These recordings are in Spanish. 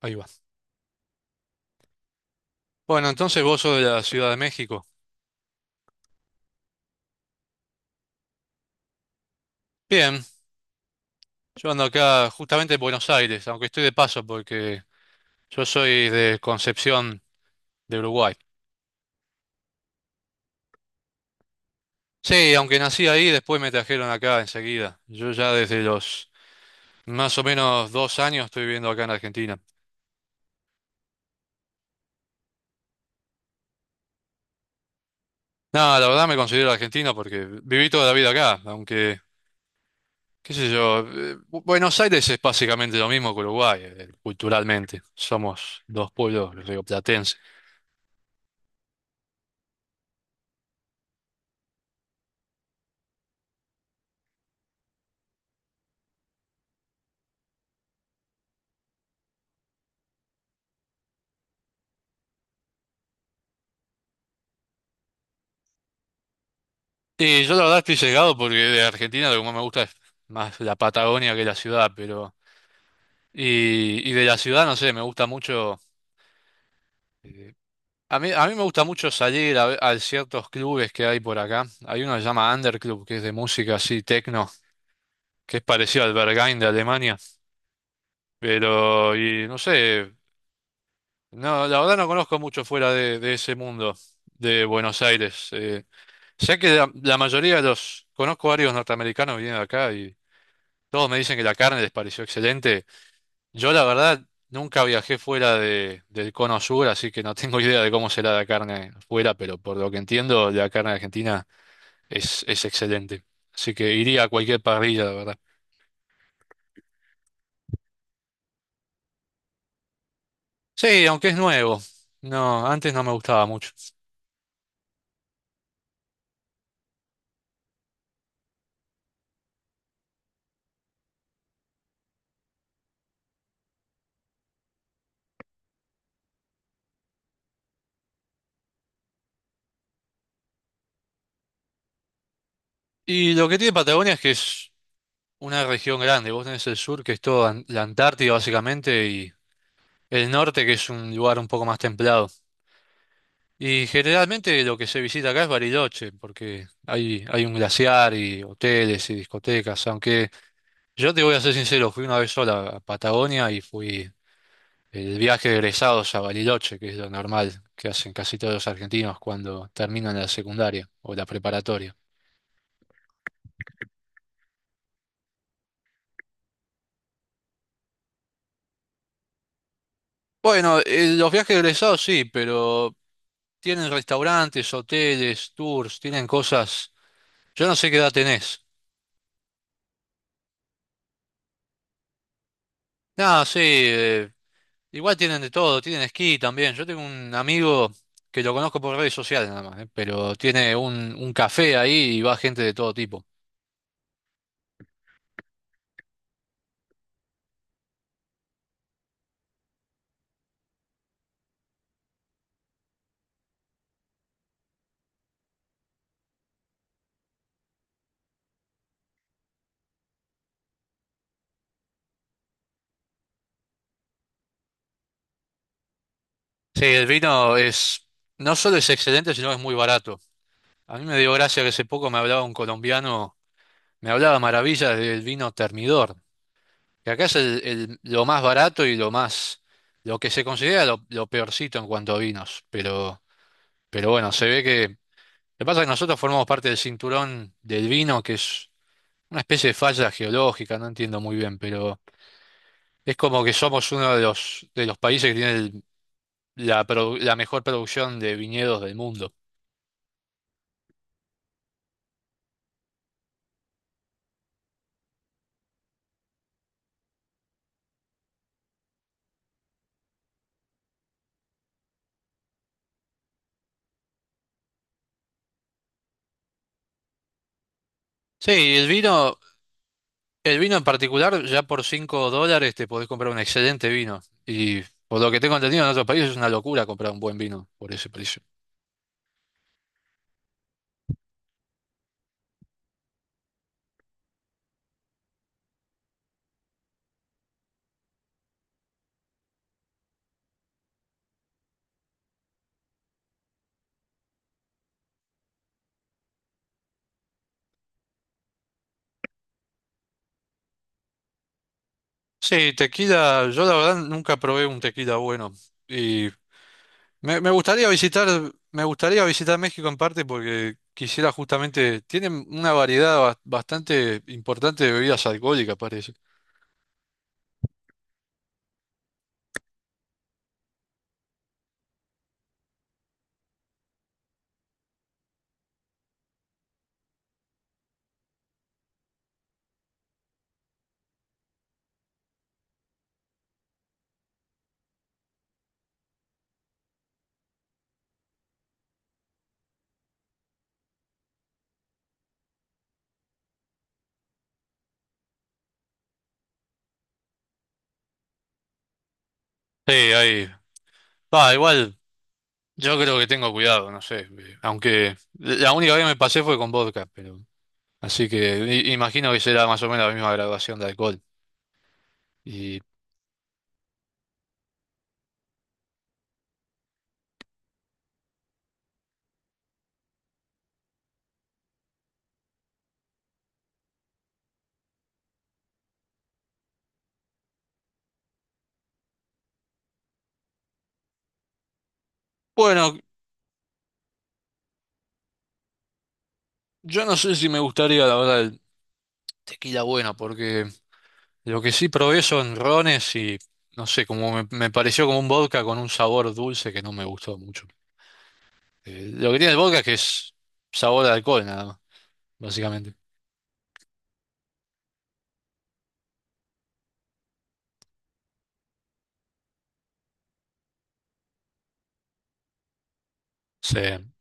Ahí va. Bueno, entonces vos sos de la Ciudad de México. Bien, yo ando acá justamente en Buenos Aires, aunque estoy de paso porque yo soy de Concepción, de Uruguay. Sí, aunque nací ahí, después me trajeron acá enseguida. Yo ya desde los más o menos 2 años estoy viviendo acá en Argentina. Nada, la verdad me considero argentino porque viví toda la vida acá, aunque, qué sé yo, Buenos Aires es básicamente lo mismo que Uruguay, culturalmente. Somos dos pueblos rioplatenses. Sí, yo la verdad estoy llegado porque de Argentina lo que más me gusta es más la Patagonia que la ciudad, pero... Y de la ciudad, no sé, me gusta mucho... eh, a mí me gusta mucho salir a, a ciertos clubes que hay por acá. Hay uno que se llama Underclub, que es de música así, techno, que es parecido al Berghain de Alemania. Pero, y no sé, no, la verdad no conozco mucho fuera de ese mundo de Buenos Aires. Sé que la mayoría de los... Conozco varios norteamericanos que vienen acá. Todos me dicen que la carne les pareció excelente. Yo la verdad nunca viajé fuera del cono sur, así que no tengo idea de cómo será la carne fuera, pero por lo que entiendo, la carne argentina es excelente. Así que iría a cualquier parrilla, la verdad. Sí, aunque es nuevo. No, antes no me gustaba mucho. Y lo que tiene Patagonia es que es una región grande. Vos tenés el sur, que es toda la Antártida básicamente, y el norte, que es un lugar un poco más templado. Y generalmente lo que se visita acá es Bariloche, porque hay un glaciar y hoteles y discotecas. Aunque yo te voy a ser sincero, fui una vez sola a Patagonia y fui el viaje de egresados a Bariloche, que es lo normal que hacen casi todos los argentinos cuando terminan la secundaria o la preparatoria. Bueno, los viajes de egresados sí, pero tienen restaurantes, hoteles, tours, tienen cosas. Yo no sé qué edad tenés. No, sí. Igual tienen de todo, tienen esquí también. Yo tengo un amigo que lo conozco por redes sociales nada más, ¿eh? Pero tiene un café ahí y va gente de todo tipo. Sí, el vino es no solo es excelente, sino que es muy barato. A mí me dio gracia que hace poco me hablaba un colombiano, me hablaba maravillas del vino Termidor, que acá es lo más barato y lo más, lo que se considera lo peorcito en cuanto a vinos, pero bueno, se ve que... Lo que pasa es que nosotros formamos parte del cinturón del vino, que es una especie de falla geológica, no entiendo muy bien, pero es como que somos uno de los países que tiene la mejor producción de viñedos del mundo. Sí, el vino, el vino en particular, ya por $5 te podés comprar un excelente vino. Y por lo que tengo entendido en otros países es una locura comprar un buen vino por ese precio. Sí, tequila, yo la verdad nunca probé un tequila bueno. Y Me, me gustaría visitar, me gustaría visitar México en parte porque quisiera justamente, tienen una variedad bastante importante de bebidas alcohólicas, parece. Sí, ahí. Va, igual, yo creo que tengo cuidado, no sé. Aunque la única vez que me pasé fue con vodka, pero. Así que imagino que será más o menos la misma graduación de alcohol. Y bueno, yo no sé si me gustaría, la verdad, el tequila bueno, porque. Lo que sí probé son rones y no sé, como me pareció como un vodka con un sabor dulce que no me gustó mucho. Lo que tiene el vodka es que es sabor de alcohol nada más, básicamente. Sí.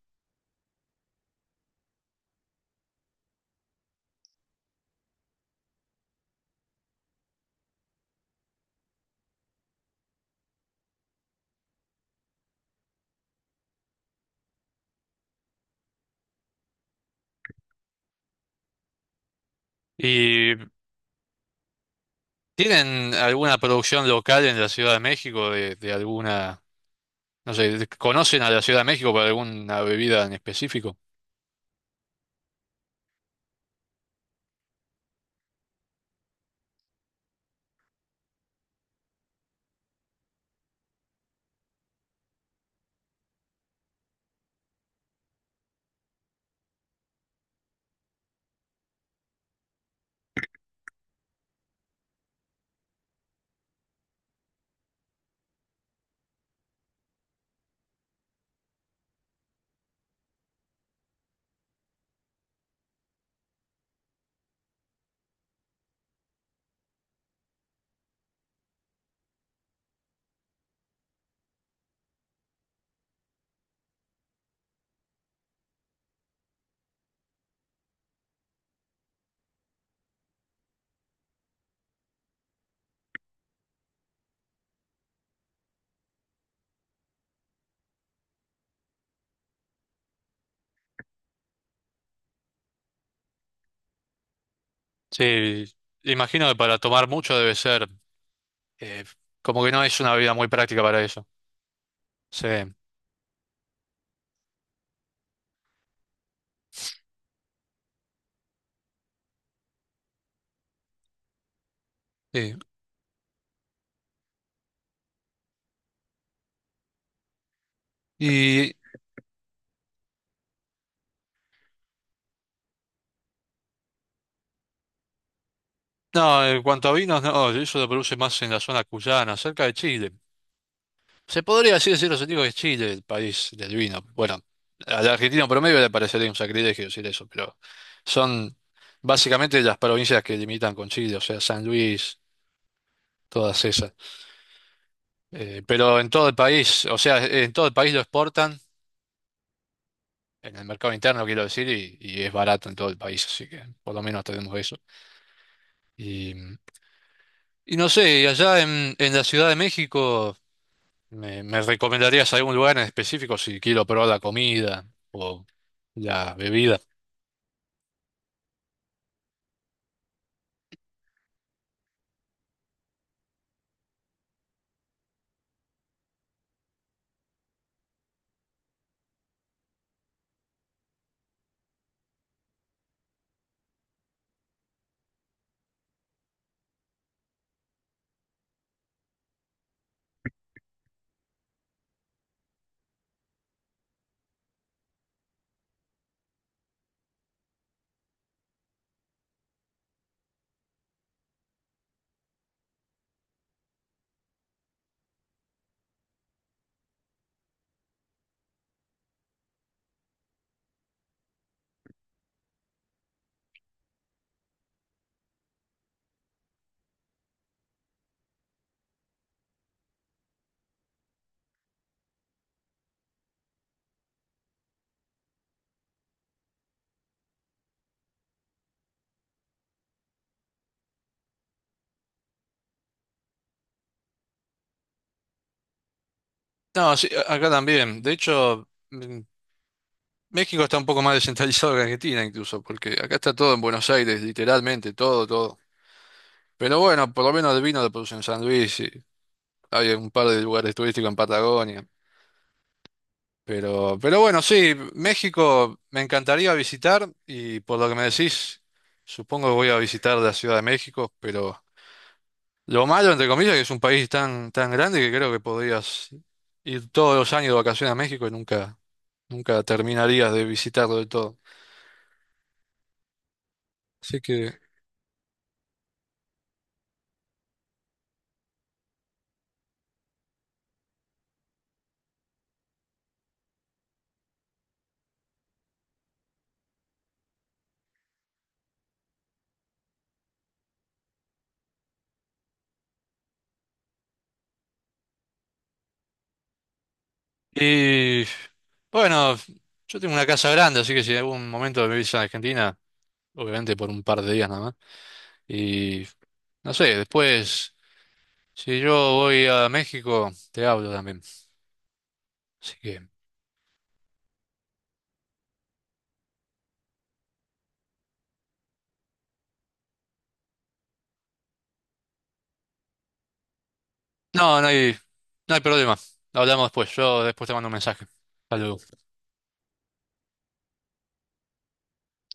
¿Y tienen alguna producción local en la Ciudad de México de alguna, no sé, conocen a la Ciudad de México para alguna bebida en específico? Sí, imagino que para tomar mucho debe ser, eh, como que no es una bebida muy práctica para eso. Sí. Sí. No, en cuanto a vinos, no, eso lo produce más en la zona cuyana, cerca de Chile. Se podría así decir los amigos que es Chile, el país del vino. Bueno, al argentino promedio le parecería un sacrilegio decir eso, pero son básicamente las provincias que limitan con Chile, o sea, San Luis, todas esas. Pero en todo el país, o sea, en todo el país lo exportan, en el mercado interno quiero decir, y es barato en todo el país, así que por lo menos tenemos eso. Y, y no sé, y allá en la Ciudad de México. Me recomendarías algún lugar en específico si quiero probar la comida o la bebida? No, sí, acá también. De hecho, mm, México está un poco más descentralizado que Argentina incluso, porque acá está todo en Buenos Aires, literalmente, todo, todo. Pero bueno, por lo menos el vino lo producen en San Luis y hay un par de lugares turísticos en Patagonia. Pero bueno, sí, México me encantaría visitar y por lo que me decís, supongo que voy a visitar la Ciudad de México, pero... Lo malo, entre comillas, que es un país tan, tan grande que creo que podrías ir todos los años de vacaciones a México y nunca, nunca terminarías de visitarlo del todo. Así que, y bueno, yo tengo una casa grande, así que si en algún momento me visita a Argentina, obviamente por un par de días nada más. Y no sé, después, si yo voy a México, te hablo también. Así que, no, no hay, no hay problema. Hablamos después. Yo después te mando un mensaje. Hasta luego,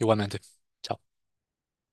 igualmente. Chao.